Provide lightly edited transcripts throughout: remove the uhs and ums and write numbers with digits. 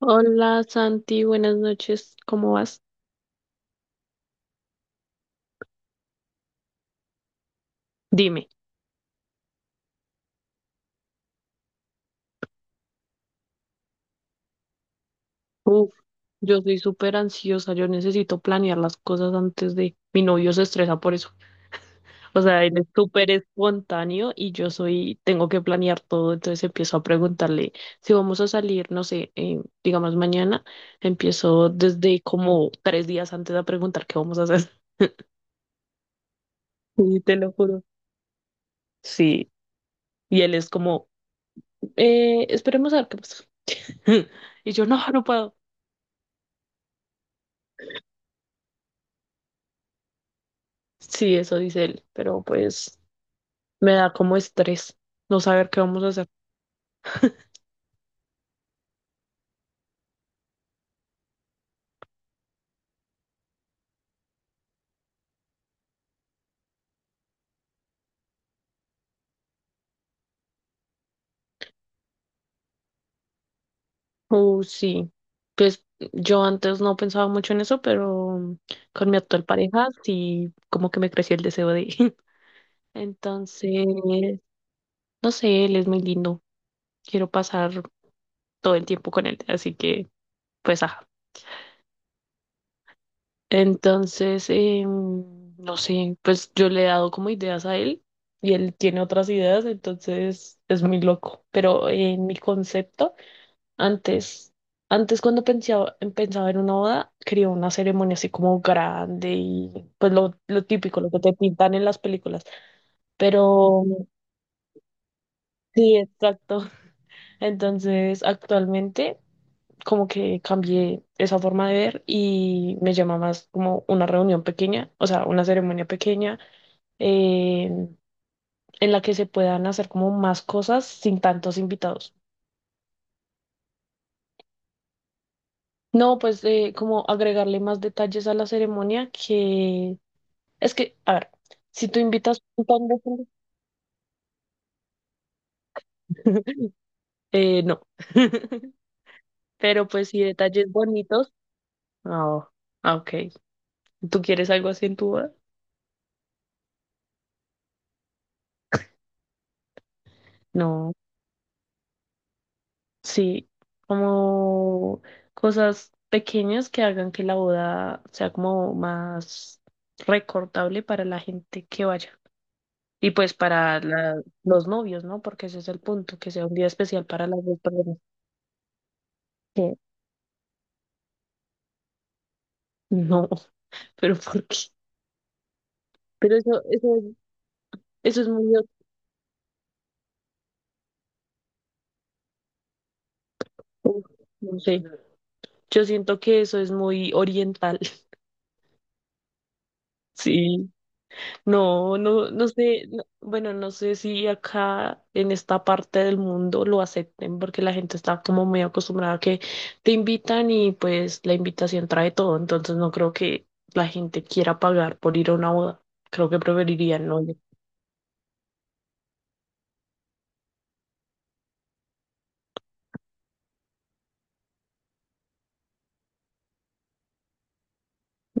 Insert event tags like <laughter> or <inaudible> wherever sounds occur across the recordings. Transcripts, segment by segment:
Hola Santi, buenas noches, ¿cómo vas? Dime. Uf, yo soy súper ansiosa, yo necesito planear las cosas antes de... Mi novio se estresa por eso. O sea, él es súper espontáneo y yo soy, tengo que planear todo, entonces empiezo a preguntarle si vamos a salir, no sé, digamos mañana, empiezo desde como 3 días antes a preguntar qué vamos a hacer. <laughs> Sí, te lo juro. Sí, y él es como, esperemos a ver qué pasa. <laughs> Y yo, no, no puedo. Sí, eso dice él, pero pues me da como estrés no saber qué vamos a hacer. Sí, pues yo antes no pensaba mucho en eso, pero con mi actual pareja sí, como que me creció el deseo de... <laughs> Entonces, no sé, él es muy lindo, quiero pasar todo el tiempo con él, así que pues ajá. Entonces, no sé, pues yo le he dado como ideas a él y él tiene otras ideas, entonces es muy loco, pero en mi concepto... Antes, antes cuando pensaba en una boda, quería una ceremonia así como grande y pues lo típico, lo que te pintan en las películas. Pero sí, exacto. <laughs> Entonces, actualmente como que cambié esa forma de ver y me llama más como una reunión pequeña, o sea, una ceremonia pequeña en la que se puedan hacer como más cosas sin tantos invitados. No, pues como agregarle más detalles a la ceremonia que es que, a ver, si tú invitas un montón de gente, <laughs> no. <laughs> Pero pues sí, detalles bonitos. Oh, ah, ok. ¿Tú quieres algo así en tu boda? No. Sí, como cosas pequeñas que hagan que la boda sea como más recordable para la gente que vaya. Y pues para la- los novios, ¿no? Porque ese es el punto, que sea un día especial para las dos personas. ¿Qué? No, <laughs> pero ¿por qué? Pero eso es muy Uf, no sé, yo siento que eso es muy oriental, <laughs> sí. No sé, no- bueno, no sé si acá en esta parte del mundo lo acepten porque la gente está como muy acostumbrada a que te invitan y pues la invitación trae todo, entonces no creo que la gente quiera pagar por ir a una boda. Creo que preferirían no ir.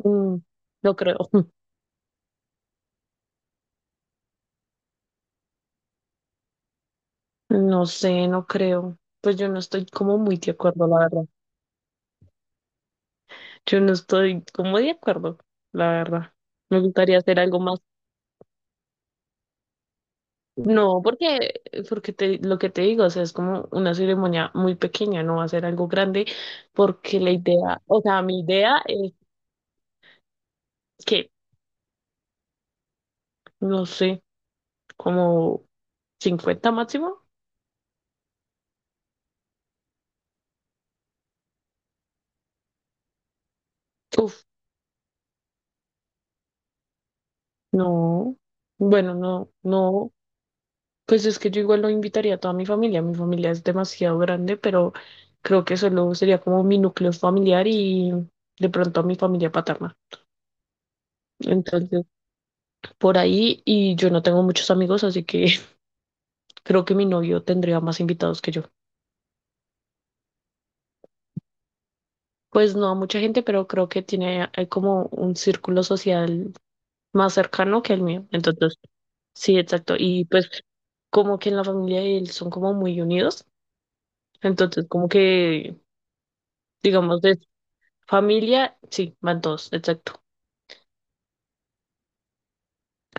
Mm, no creo, <laughs> no sé, no creo. Pues yo no estoy como muy de acuerdo, la verdad. Yo no estoy como de acuerdo, la verdad. Me gustaría hacer algo más. No, porque te, lo que te digo, o sea, es como una ceremonia muy pequeña, no va a ser algo grande, porque la idea, o sea, mi idea es que, no sé, como 50 máximo. Uf, no, bueno, no, no, pues es que yo igual lo invitaría a toda mi familia es demasiado grande, pero creo que solo sería como mi núcleo familiar y de pronto a mi familia paterna. Entonces, por ahí y yo no tengo muchos amigos, así que <laughs> creo que mi novio tendría más invitados que yo. Pues no a mucha gente, pero creo que tiene como un círculo social más cercano que el mío. Entonces, sí, exacto. Y pues como que en la familia de él son como muy unidos. Entonces, como que, digamos, de familia, sí, van todos, exacto.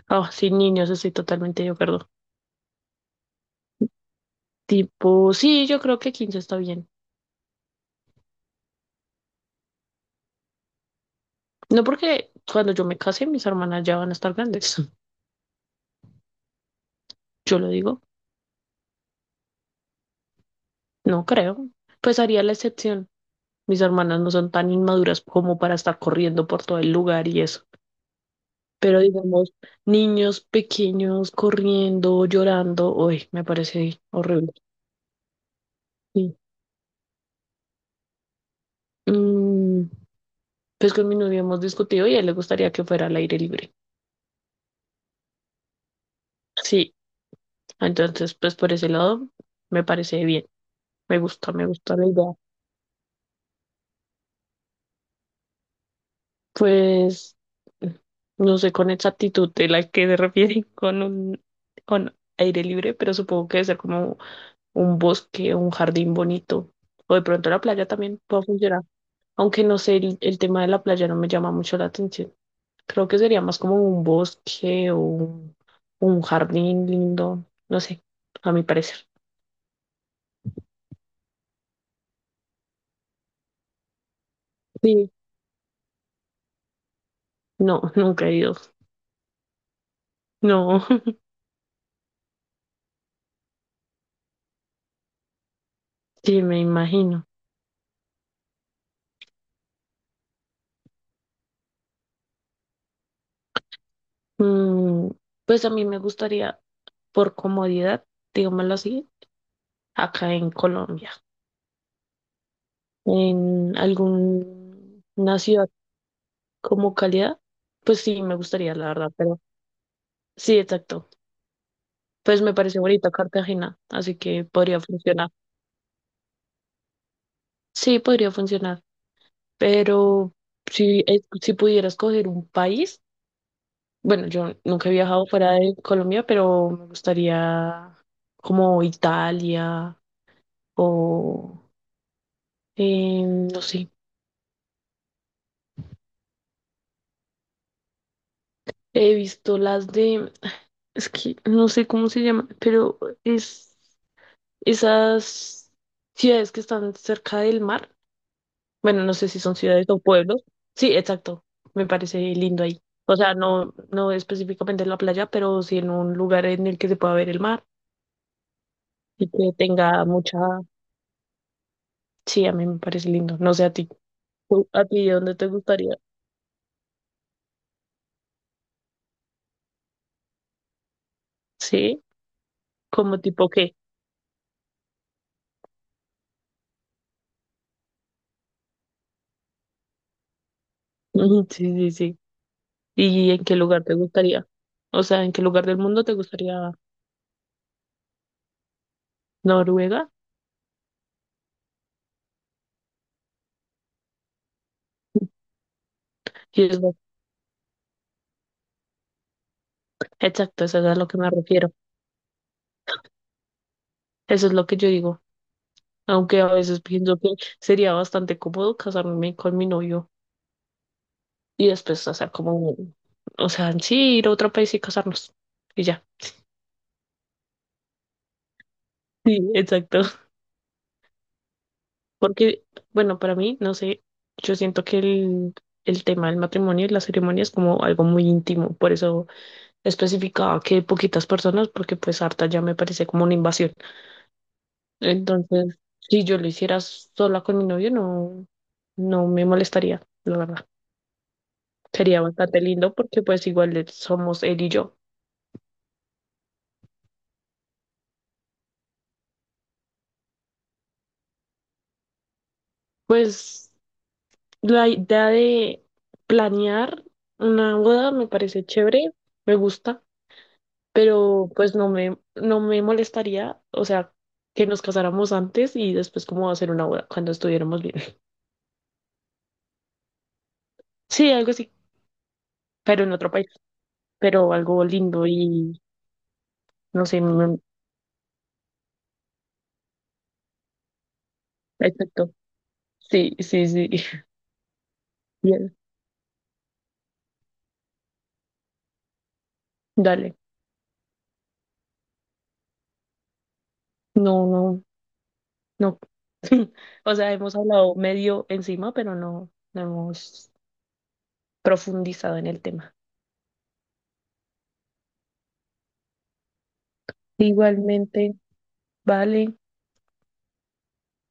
Ah, sin niños, estoy totalmente de acuerdo. Tipo, sí, yo creo que 15 está bien. No, porque cuando yo me case, mis hermanas ya van a estar grandes. <laughs> Yo lo digo. No creo. Pues haría la excepción. Mis hermanas no son tan inmaduras como para estar corriendo por todo el lugar y eso. Pero digamos, niños pequeños corriendo, llorando, uy, me parece horrible. Sí. Mm, pues con mi novio hemos discutido y a él le gustaría que fuera al aire libre. Sí, entonces pues por ese lado me parece bien. Me gusta la idea. Pues no sé con exactitud de la que se refieren <laughs> con un con aire libre, pero supongo que debe ser como un bosque o un jardín bonito. O de pronto la playa también puede funcionar. Aunque no sé, el tema de la playa no me llama mucho la atención. Creo que sería más como un bosque o un jardín lindo. No sé, a mi parecer. Sí, no, <laughs> nunca he ido. No, <laughs> sí, me imagino. Mm, pues a mí me gustaría por comodidad, digámoslo así, acá en Colombia. En alguna ciudad como calidad, pues sí, me gustaría, la verdad, pero sí, exacto. Pues me parece bonita Cartagena, así que podría funcionar. Sí, podría funcionar, pero si pudiera escoger un país, bueno, yo nunca he viajado fuera de Colombia, pero me gustaría como Italia o, no sé, he visto las de... Es que no sé cómo se llama, pero es esas ciudades que están cerca del mar. Bueno, no sé si son ciudades o pueblos. Sí, exacto. Me parece lindo ahí. O sea, no, no específicamente en la playa, pero sí en un lugar en el que se pueda ver el mar y que tenga mucha... Sí, a mí me parece lindo. No sé a ti. ¿Tú- ¿A ti dónde te gustaría? Sí, como tipo qué. Ujú, sí, sí, sí. ¿Y en qué lugar te gustaría? O sea, ¿en qué lugar del mundo te gustaría Noruega? <laughs> Y es exacto, eso es a lo que me refiero. Eso es lo que yo digo. Aunque a veces pienso que sería bastante cómodo casarme con mi novio y después hacer como, un- o sea, en sí, ir a otro país y casarnos. Y ya. Sí, exacto. <laughs> Porque, bueno, para mí, no sé, yo siento que el tema del matrimonio y la ceremonia es como algo muy íntimo. Por eso especificaba que poquitas personas, porque pues harta ya me parece como una invasión. Entonces, si yo lo hiciera sola con mi novio, no, no me molestaría, la verdad. Sería bastante lindo porque pues igual le- somos él y yo. Pues la idea de planear una boda me parece chévere, me gusta, pero pues no me molestaría, o sea, que nos casáramos antes y después cómo hacer una boda cuando estuviéramos bien. <laughs> Sí, algo así, pero en otro país, pero algo lindo y no sé, me- exacto. Sí, sí, sí. <laughs> Y dale, no, no, no. <laughs> O sea, hemos hablado medio encima, pero no hemos profundizado en el tema. Igualmente, vale.